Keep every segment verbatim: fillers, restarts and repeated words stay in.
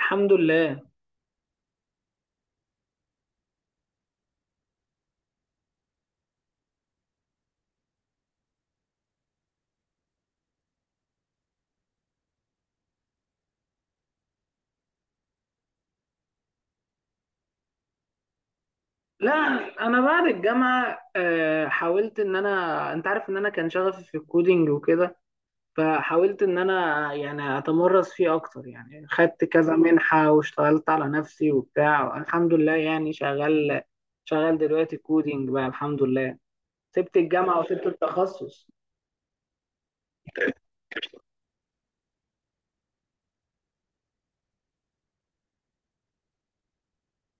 الحمد لله. لا، انا بعد الجامعه آه، حاولت ان انا انت عارف ان انا كان شغفي في الكودينج وكده. فحاولت ان انا يعني اتمرس فيه اكتر، يعني خدت كذا منحه واشتغلت على نفسي وبتاع. الحمد لله يعني شغال شغال دلوقتي كودينج بقى. الحمد لله. سبت الجامعه وسبت التخصص.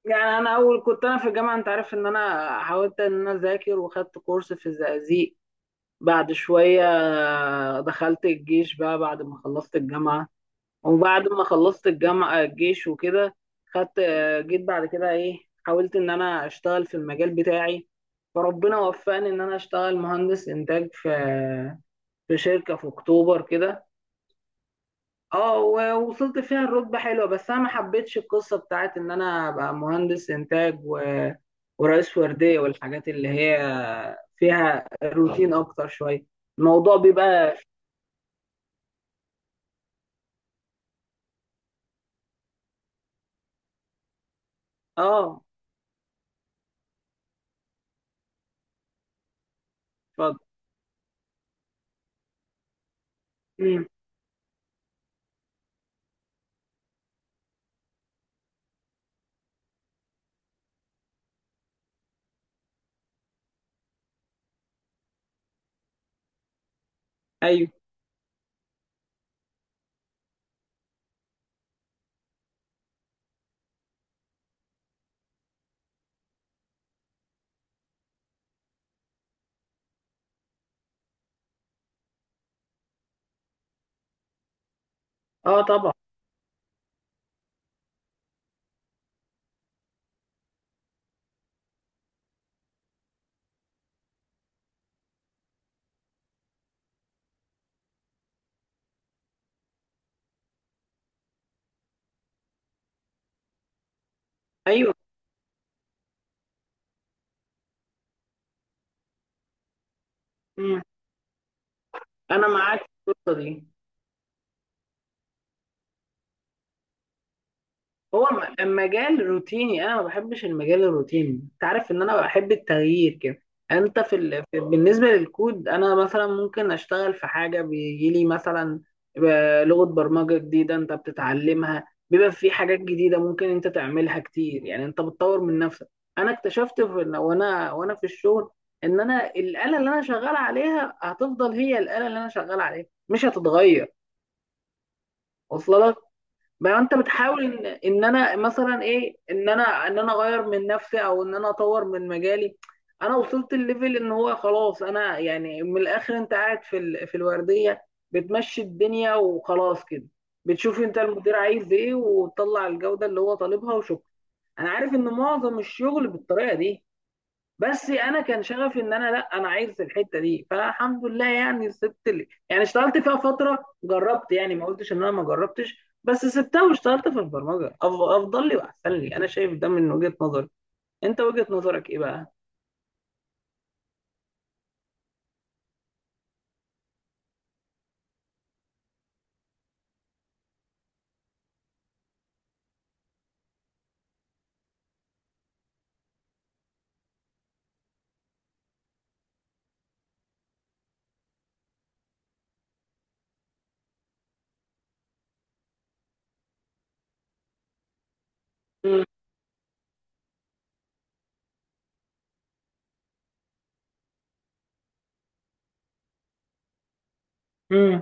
يعني انا اول كنت انا في الجامعه، انت عارف ان انا حاولت ان انا اذاكر وخدت كورس في الزقازيق. بعد شويه آه، دخلت الجيش بقى بعد ما خلصت الجامعه. وبعد ما خلصت الجامعة الجيش وكده، خدت آه، جيت بعد كده ايه، حاولت ان انا اشتغل في المجال بتاعي. فربنا وفقني ان انا اشتغل مهندس انتاج في في شركة في اكتوبر كده. اه، ووصلت فيها الرتبة حلوة. بس انا ما حبيتش القصة بتاعت ان انا ابقى مهندس انتاج و- ورئيس وردية والحاجات اللي هي فيها روتين اكتر شوية. الموضوع بيبقى. اه. اتفضل. مم. ايوه. اه طبعا. ايوه. مم. انا معاك في القصه دي. هو م- مجال روتيني. انا ما بحبش المجال الروتيني. انت عارف ان انا بحب التغيير كده. انت في, ال... في بالنسبه للكود، انا مثلا ممكن اشتغل في حاجه بيجي لي مثلا ب- لغه برمجه جديده. انت بتتعلمها، بيبقى في حاجات جديده ممكن انت تعملها كتير، يعني انت بتطور من نفسك. انا اكتشفت في... وانا وانا في الشغل ان انا الاله اللي انا شغال عليها هتفضل هي الاله اللي انا شغال عليها، مش هتتغير. واصله لك؟ ما انت بتحاول ان ان انا مثلا ايه، ان انا ان انا اغير من نفسي او ان انا اطور من مجالي. انا وصلت الليفل ان هو خلاص. انا يعني من الاخر انت قاعد في ال... في الورديه، بتمشي الدنيا وخلاص كده. بتشوف انت المدير عايز ايه وتطلع الجوده اللي هو طالبها وشكرا. انا عارف ان معظم الشغل بالطريقه دي. بس انا كان شغفي، ان انا لا، انا عايز الحته دي. فالحمد لله يعني سبت لي، يعني اشتغلت فيها فتره. جربت، يعني ما قلتش ان انا ما جربتش، بس سبتها واشتغلت في البرمجه. أف- افضل لي واحسن لي، انا شايف ده من وجهه نظري. انت وجهه نظرك ايه بقى؟ مم. مم.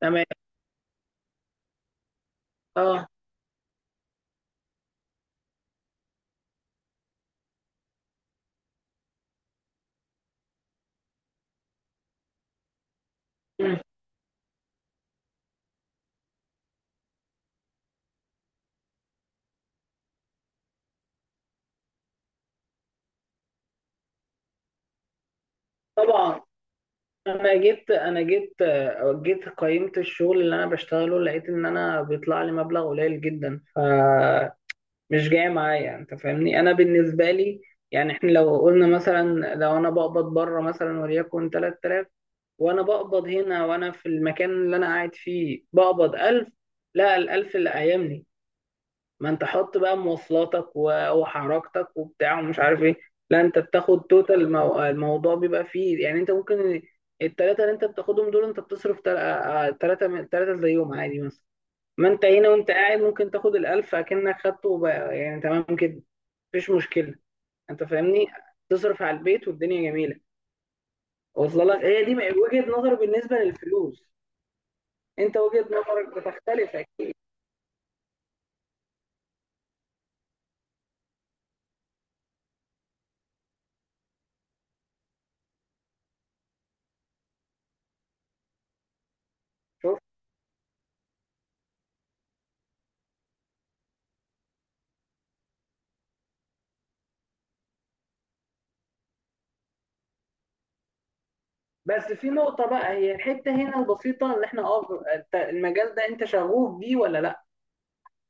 تمام. اه. مم. طبعا. انا جيت انا جيت آه، جيت قيمت الشغل اللي انا بشتغله، لقيت ان انا بيطلع لي مبلغ قليل جدا. ف مش جاية معايا. انت فاهمني؟ انا بالنسبة لي، يعني احنا لو قلنا مثلا، لو انا بقبض بره مثلا وليكن تلات آلاف، وانا بقبض هنا، وانا في المكان اللي انا قاعد فيه بقبض ألف. لا، ال ألف اللي قايمني. ما انت حط بقى مواصلاتك و- وحركتك وبتاع ومش عارف ايه. لا، انت بتاخد توتال المو... الموضوع. بيبقى فيه يعني انت ممكن التلاتة اللي انت بتاخدهم دول انت بتصرف تل- آه، تلاتة من- تلاتة زيهم عادي مثلا. ما انت هنا وانت قاعد ممكن تاخد الألف أكنك خدته، وبقى يعني تمام كده. مفيش مشكله. انت فاهمني؟ تصرف على البيت والدنيا جميله. واصله لك؟ هي دي وجهه نظر بالنسبه للفلوس. انت وجهه نظرك بتختلف اكيد. شوف، بس في نقطه بقى، هي الحته هنا البسيطه اللي احنا اه انت المجال ده، انت شغوف بيه ولا لا؟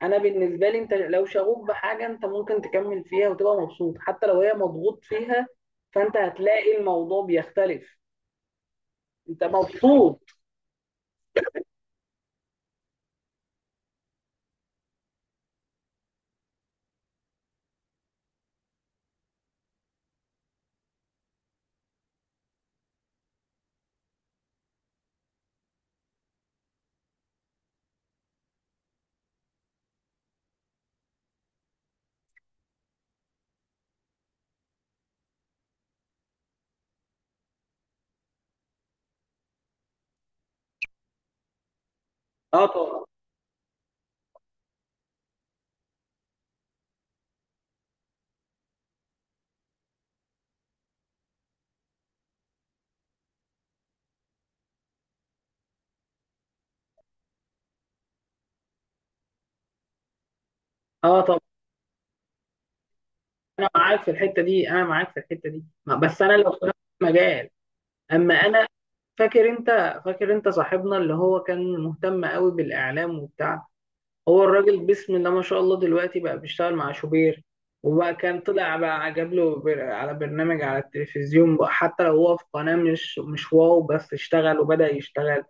انا بالنسبه لي، انت لو شغوف بحاجه انت ممكن تكمل فيها وتبقى مبسوط حتى لو هي مضغوط فيها. فانت هتلاقي الموضوع بيختلف. انت مبسوط؟ اه طبعا. اه طبعا. انا معاك في الحته دي انا معاك في الحته دي ما- بس انا لو في نفس المجال. اما انا، فاكر انت، فاكر انت صاحبنا اللي هو كان مهتم قوي بالاعلام وبتاع؟ هو الراجل بسم الله ما شاء الله دلوقتي بقى بيشتغل مع شوبير. وبقى كان طلع بقى جاب له بر- على برنامج على التلفزيون بقى، حتى لو هو في قناة مش مش واو، بس اشتغل وبدأ يشتغل.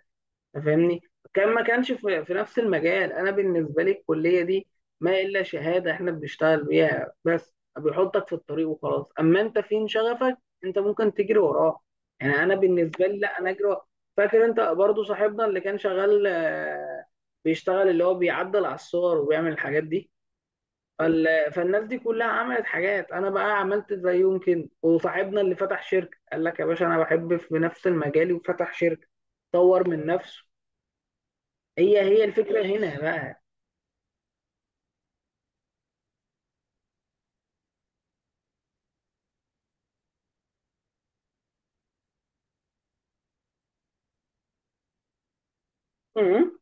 فاهمني؟ كان ما كانش في, في نفس المجال. انا بالنسبه لي الكليه دي ما الا شهاده احنا بنشتغل بيها، بس بيحطك في الطريق وخلاص. اما انت فين شغفك، انت ممكن تجري وراه. يعني انا بالنسبه لي، لا، انا اجري وراه. فاكر انت برضو صاحبنا اللي كان شغال آه، بيشتغل، اللي هو بيعدل على الصور وبيعمل الحاجات دي. فال- فالناس دي كلها عملت حاجات، انا بقى عملت زيهم كده. وصاحبنا اللي فتح شركه قال لك يا باشا انا بحب في نفس المجال وفتح شركه، طور من نفسه. هي هي الفكرة هنا بقى. امم.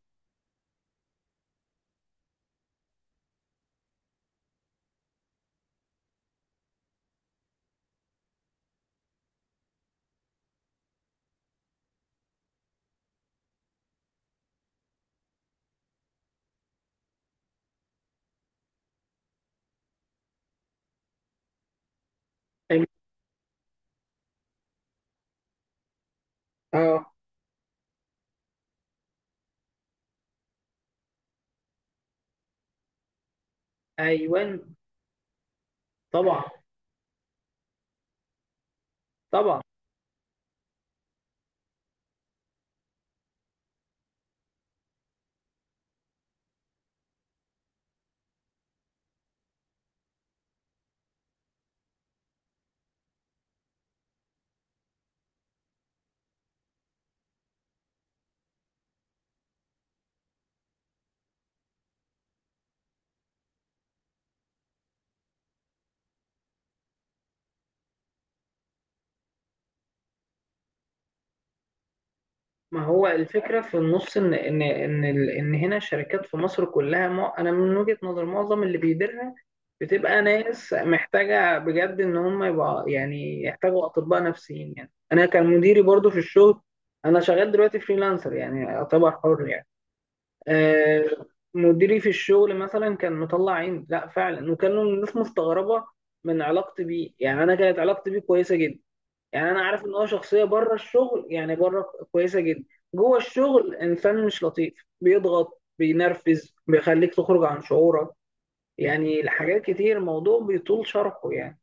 فاهم؟ اه. ايوان. طبعا طبعا. ما هو الفكرة في النص ان ان ان ال- ان هنا الشركات في مصر كلها، مع... انا من وجهة نظر معظم اللي بيديرها بتبقى ناس محتاجة بجد، ان هم يبقى يعني يحتاجوا اطباء نفسيين. يعني انا كان مديري برضو في الشغل، انا شغال دلوقتي فريلانسر يعني اعتبر حر يعني. آه، مديري في الشغل مثلا كان مطلع عيني، لا فعلا، وكانوا الناس مستغربه من علاقتي بيه. يعني انا كانت علاقتي بيه كويسه جدا. يعني انا عارف ان هو شخصيه بره الشغل، يعني بره كويسه جدا. جوه الشغل انسان مش لطيف، بيضغط، بينرفز، بيخليك تخرج عن شعورك. يعني حاجات كتير، الموضوع بيطول شرحه يعني.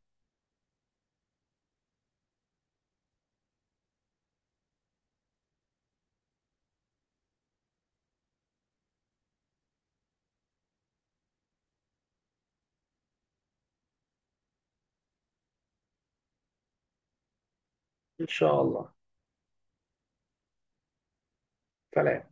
ان شاء الله. فلا.